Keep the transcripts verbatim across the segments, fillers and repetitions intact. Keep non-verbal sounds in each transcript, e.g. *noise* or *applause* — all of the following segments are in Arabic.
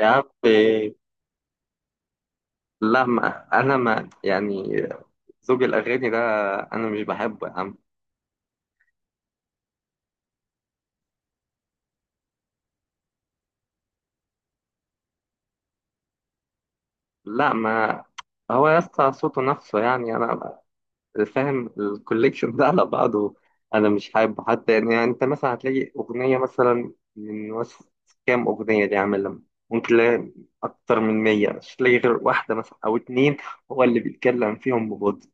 يا عم. لا ما انا ما يعني زوج الاغاني ده انا مش بحبه يا عم. لا ما، هو يا اسطى صوته نفسه، يعني انا فاهم الكوليكشن ده على بعضه. انا مش حابه حتى، يعني يعني انت مثلا هتلاقي اغنيه مثلا من وسط كام اغنيه دي، عامل لما ممكن تلاقي اكتر من مية مش تلاقي غير واحده مثلا او اتنين. هو اللي بيتكلم فيهم ببطء،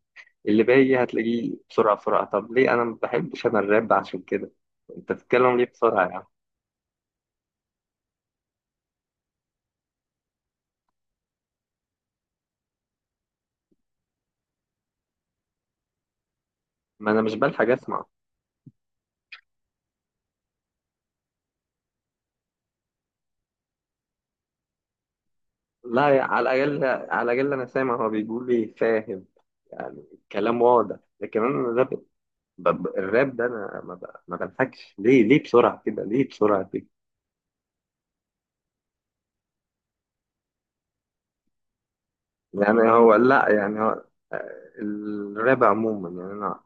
اللي باقي هتلاقيه بسرعه بسرعه. طب ليه انا ما بحبش انا الراب؟ عشان كده انت بتتكلم ليه بسرعه يا عم؟ ما انا مش بلحق اسمع. لا يا- على الاقل، على الاقل انا سامع هو بيقول لي، فاهم يعني الكلام واضح. لكن انا الراب، ب- ب- الراب ده انا ما ب- ما بلحقش. ليه ليه بسرعه كده؟ ليه بسرعه كده؟ يعني هو لا يعني هو آه، الراب عموما، يعني انا،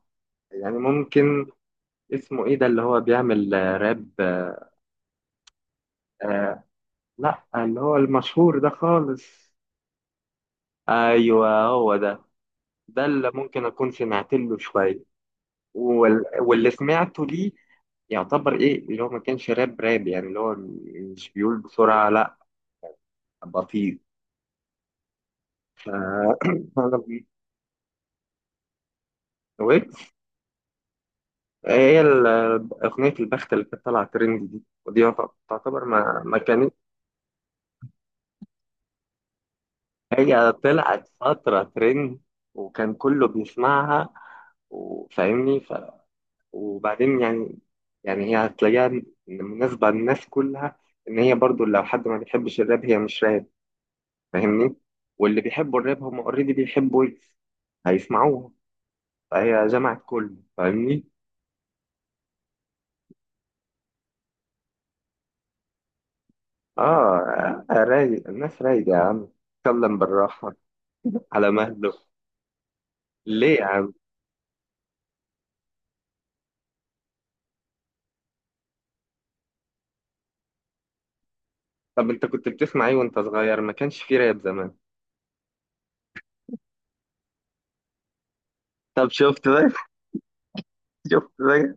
يعني ممكن. اسمه ايه ده اللي هو بيعمل آه، راب، آه آه، لا اللي هو المشهور ده خالص. ايوه هو ده. ده اللي ممكن اكون سمعت له شويه. وال- واللي سمعته ليه، يعتبر ايه. اللي هو ما كانش راب راب يعني، اللي هو مش بيقول بسرعة، لا بطيء. ف- *clears throat* انا ويجز، هي ال- اغنية البخت اللي كانت طالعة ترند دي، ودي يعت- تعتبر، ما ما كانت. هي طلعت فترة ترند، وكان كله بيسمعها وفاهمني. ف... وبعدين يعني، يعني هي هتلاقيها مناسبة للناس كلها، ان هي برضو لو حد ما بيحبش الراب، هي مش راب، فاهمني. واللي بيحبوا الراب هم اوريدي بيحبوا ويجز، هيسمعوها. فهي جمعت كله، فاهمني. اه. آه، رايق، الناس رايقة يا عم. اتكلم بالراحة، على مهله. ليه يا عم؟ طب انت كنت بتسمع ايه وانت صغير؟ ما كانش في راب زمان. طب شفت بقى؟ *laughs* شفت بقى؟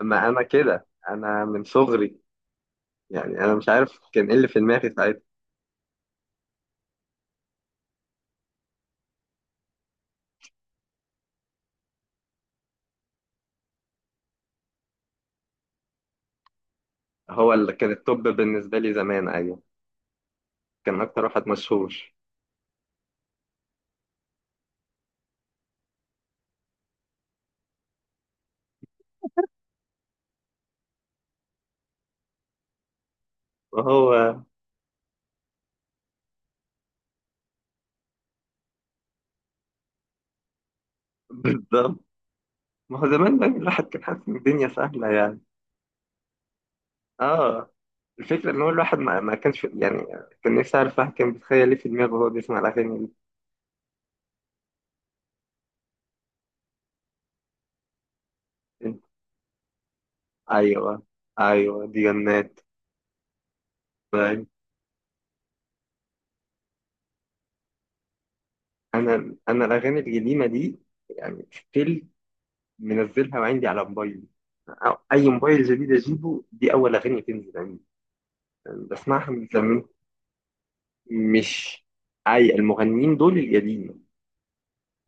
ما انا كده، انا من صغري. يعني انا مش عارف كان ايه اللي في دماغي ساعتها. هو اللي كان التوب بالنسبة لي زمان، ايوه، كان اكتر واحد مشهور. وهو. *laughs* بالظبط. ما هو زمان بقى الواحد كان حاسس ان الدنيا سهله يعني. اه، الفكره ان هو الواحد ما, ما كانش، يعني كان نفسي اعرف الواحد كان بيتخيل ايه في دماغه وهو بيسمع الاغاني دي. ايوه. ايوه دي جنات. طيب. انا انا الاغاني القديمه دي، يعني ستيل منزلها وعندي على موبايلي. أو- اي موبايل جديد اجيبه، دي اول اغاني تنزل عندي. يعني بسمعها من زمان. مش، اي المغنيين دول القديم،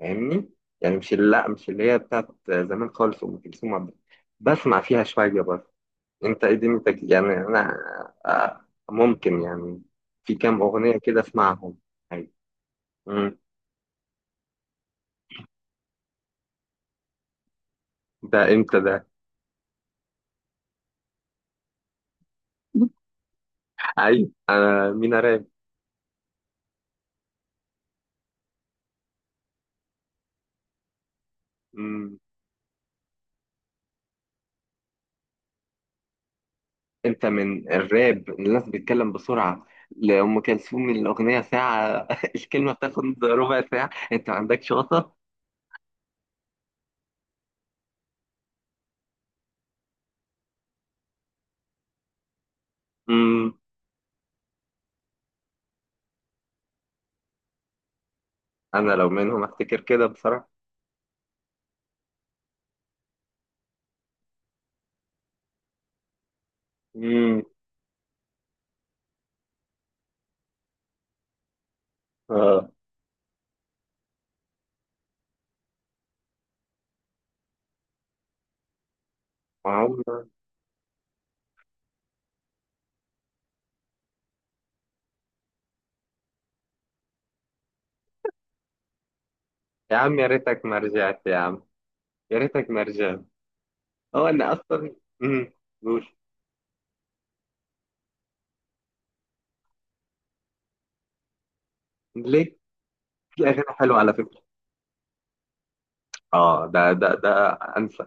فاهمني. يعني مش لا مش اللي هي بتاعت زمان خالص، ام كلثوم، عبد الحليم. بسمع فيها شويه برضه. انت ايه دنيتك؟ يعني انا آه، ممكن، يعني في كام اغنيه كده اسمعهم. أيوة. مم. ده امتى ده؟ ايوه انا مينا راب. مم. انت من الراب الناس بتتكلم بسرعه، لأم كلثوم الأغنية ساعة *laughs* الكلمة بتاخد ربع ساعة، أنت ما عندكش وسط؟ مم. أنا لو منهم أفتكر كده بصراحة. مم. آه. يا عم يا ريتك ما رجعت يا عم، يا ريتك ما رجعت. هو انا اصلا. امم. قول. ليك في اغاني حلوه على فكره. اه ده ده ده، انسى،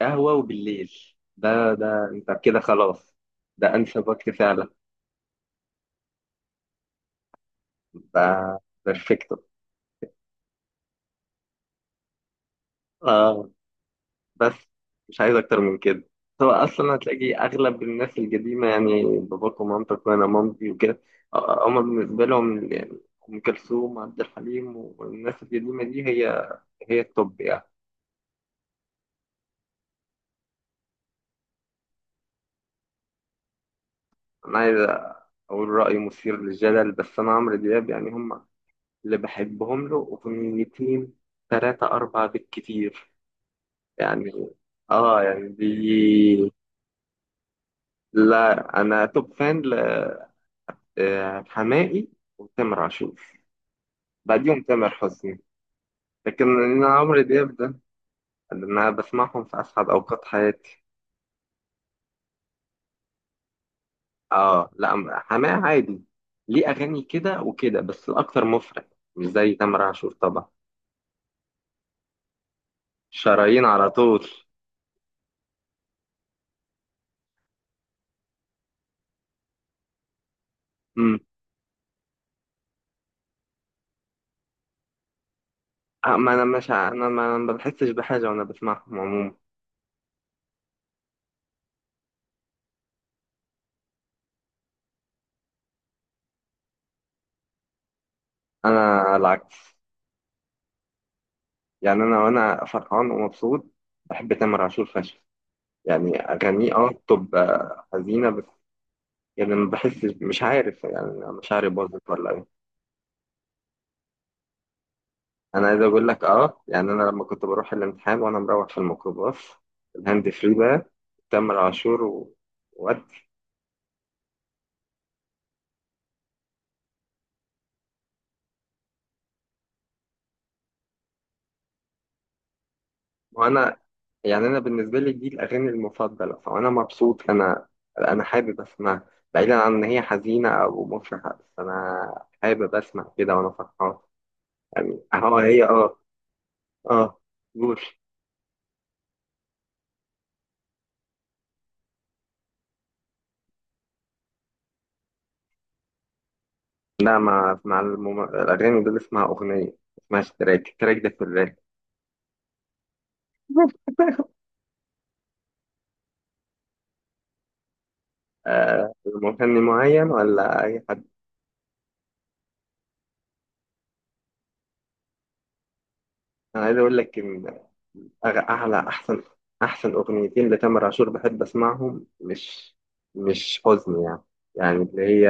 قهوه وبالليل. ده ده انت كده خلاص. ده انسب وقت فعلا. ده بيرفكتو. اه. بس مش عايز اكتر من كده. هو اصلا هتلاقي اغلب الناس القديمه، يعني باباك ومامتك وانا مامتي وكده، آه، هما بالنسبه لهم يعني ام كلثوم، عبد الحليم والناس القديمه دي، هي هي التوب يعني. انا عايز اقول راي مثير للجدل، بس انا عمرو دياب يعني، هم اللي بحبهم له اغنيتين، ثلاثة أربعة بالكتير يعني. اه يعني دي، لا انا توب فان ل- آه، حماقي وتامر عاشور، بعديهم تامر حسني. لكن انا عمرو دياب ده اللي انا بسمعهم في اسعد اوقات حياتي. اه، لا حماقي عادي، ليه اغاني كده وكده، بس الاكتر مفرق. مش زي تامر عاشور طبعا، شرايين على طول. آه، ما انا مش ع- انا ما أنا ما بحسش بحاجه وانا بسمعهم عموما. انا العكس، يعني انا وانا فرحان ومبسوط بحب تامر عاشور فشخ. يعني اغانيه اه بتبقى حزينه بس، يعني ما بحسش، مش عارف، يعني مشاعري باظت ولا ايه. انا عايز اقول لك اه، يعني انا لما كنت بروح الامتحان وانا مروح في الميكروباص، الهاند فري بقى تامر عاشور. و... وانا يعني انا بالنسبه لي دي الاغاني المفضله، فانا مبسوط. انا انا حابب اسمعها، بعيدا عن ان هي حزينه او مفرحه، بس انا حابب اسمع كده وانا فرحان. يعني اه هي اه. اه جوش. لا ما اسمع المم... الاغاني، دول اسمها اغنيه، ما اسمهاش تراك، التراك ده في الراب. *laughs* آه مغني معين ولا اي حد؟ انا عايز اقول لك ان أغ- أعلى أحسن، أحسن أغنيتين لتامر عاشور بحب أسمعهم، مش مش حزن يعني، يعني اللي هي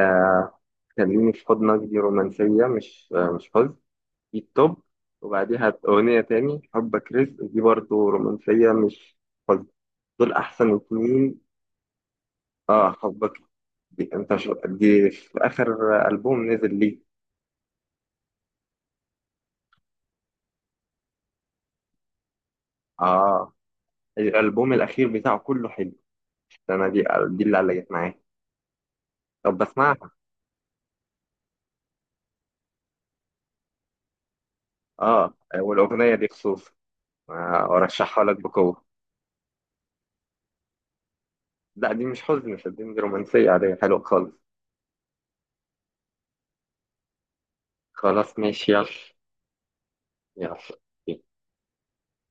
خليني في حضنك، دي رومانسية مش مش حزن، دي التوب. وبعديها أغنية تاني حبك رزق، دي برضو رومانسية مش حزن. دول أحسن اتنين. آه حبك، دي أنت شو، دي في آخر ألبوم نزل ليه. آه الألبوم الأخير بتاعه كله حلو. أنا دي دي اللي علقت معايا. طب بسمعها. آه والأغنية دي خصوصا، وارشحها لك بقوة. لا دي مش حزن صدقني، دي رومانسية عادية حلوة خالص. خلاص ماشي يلا. يلا.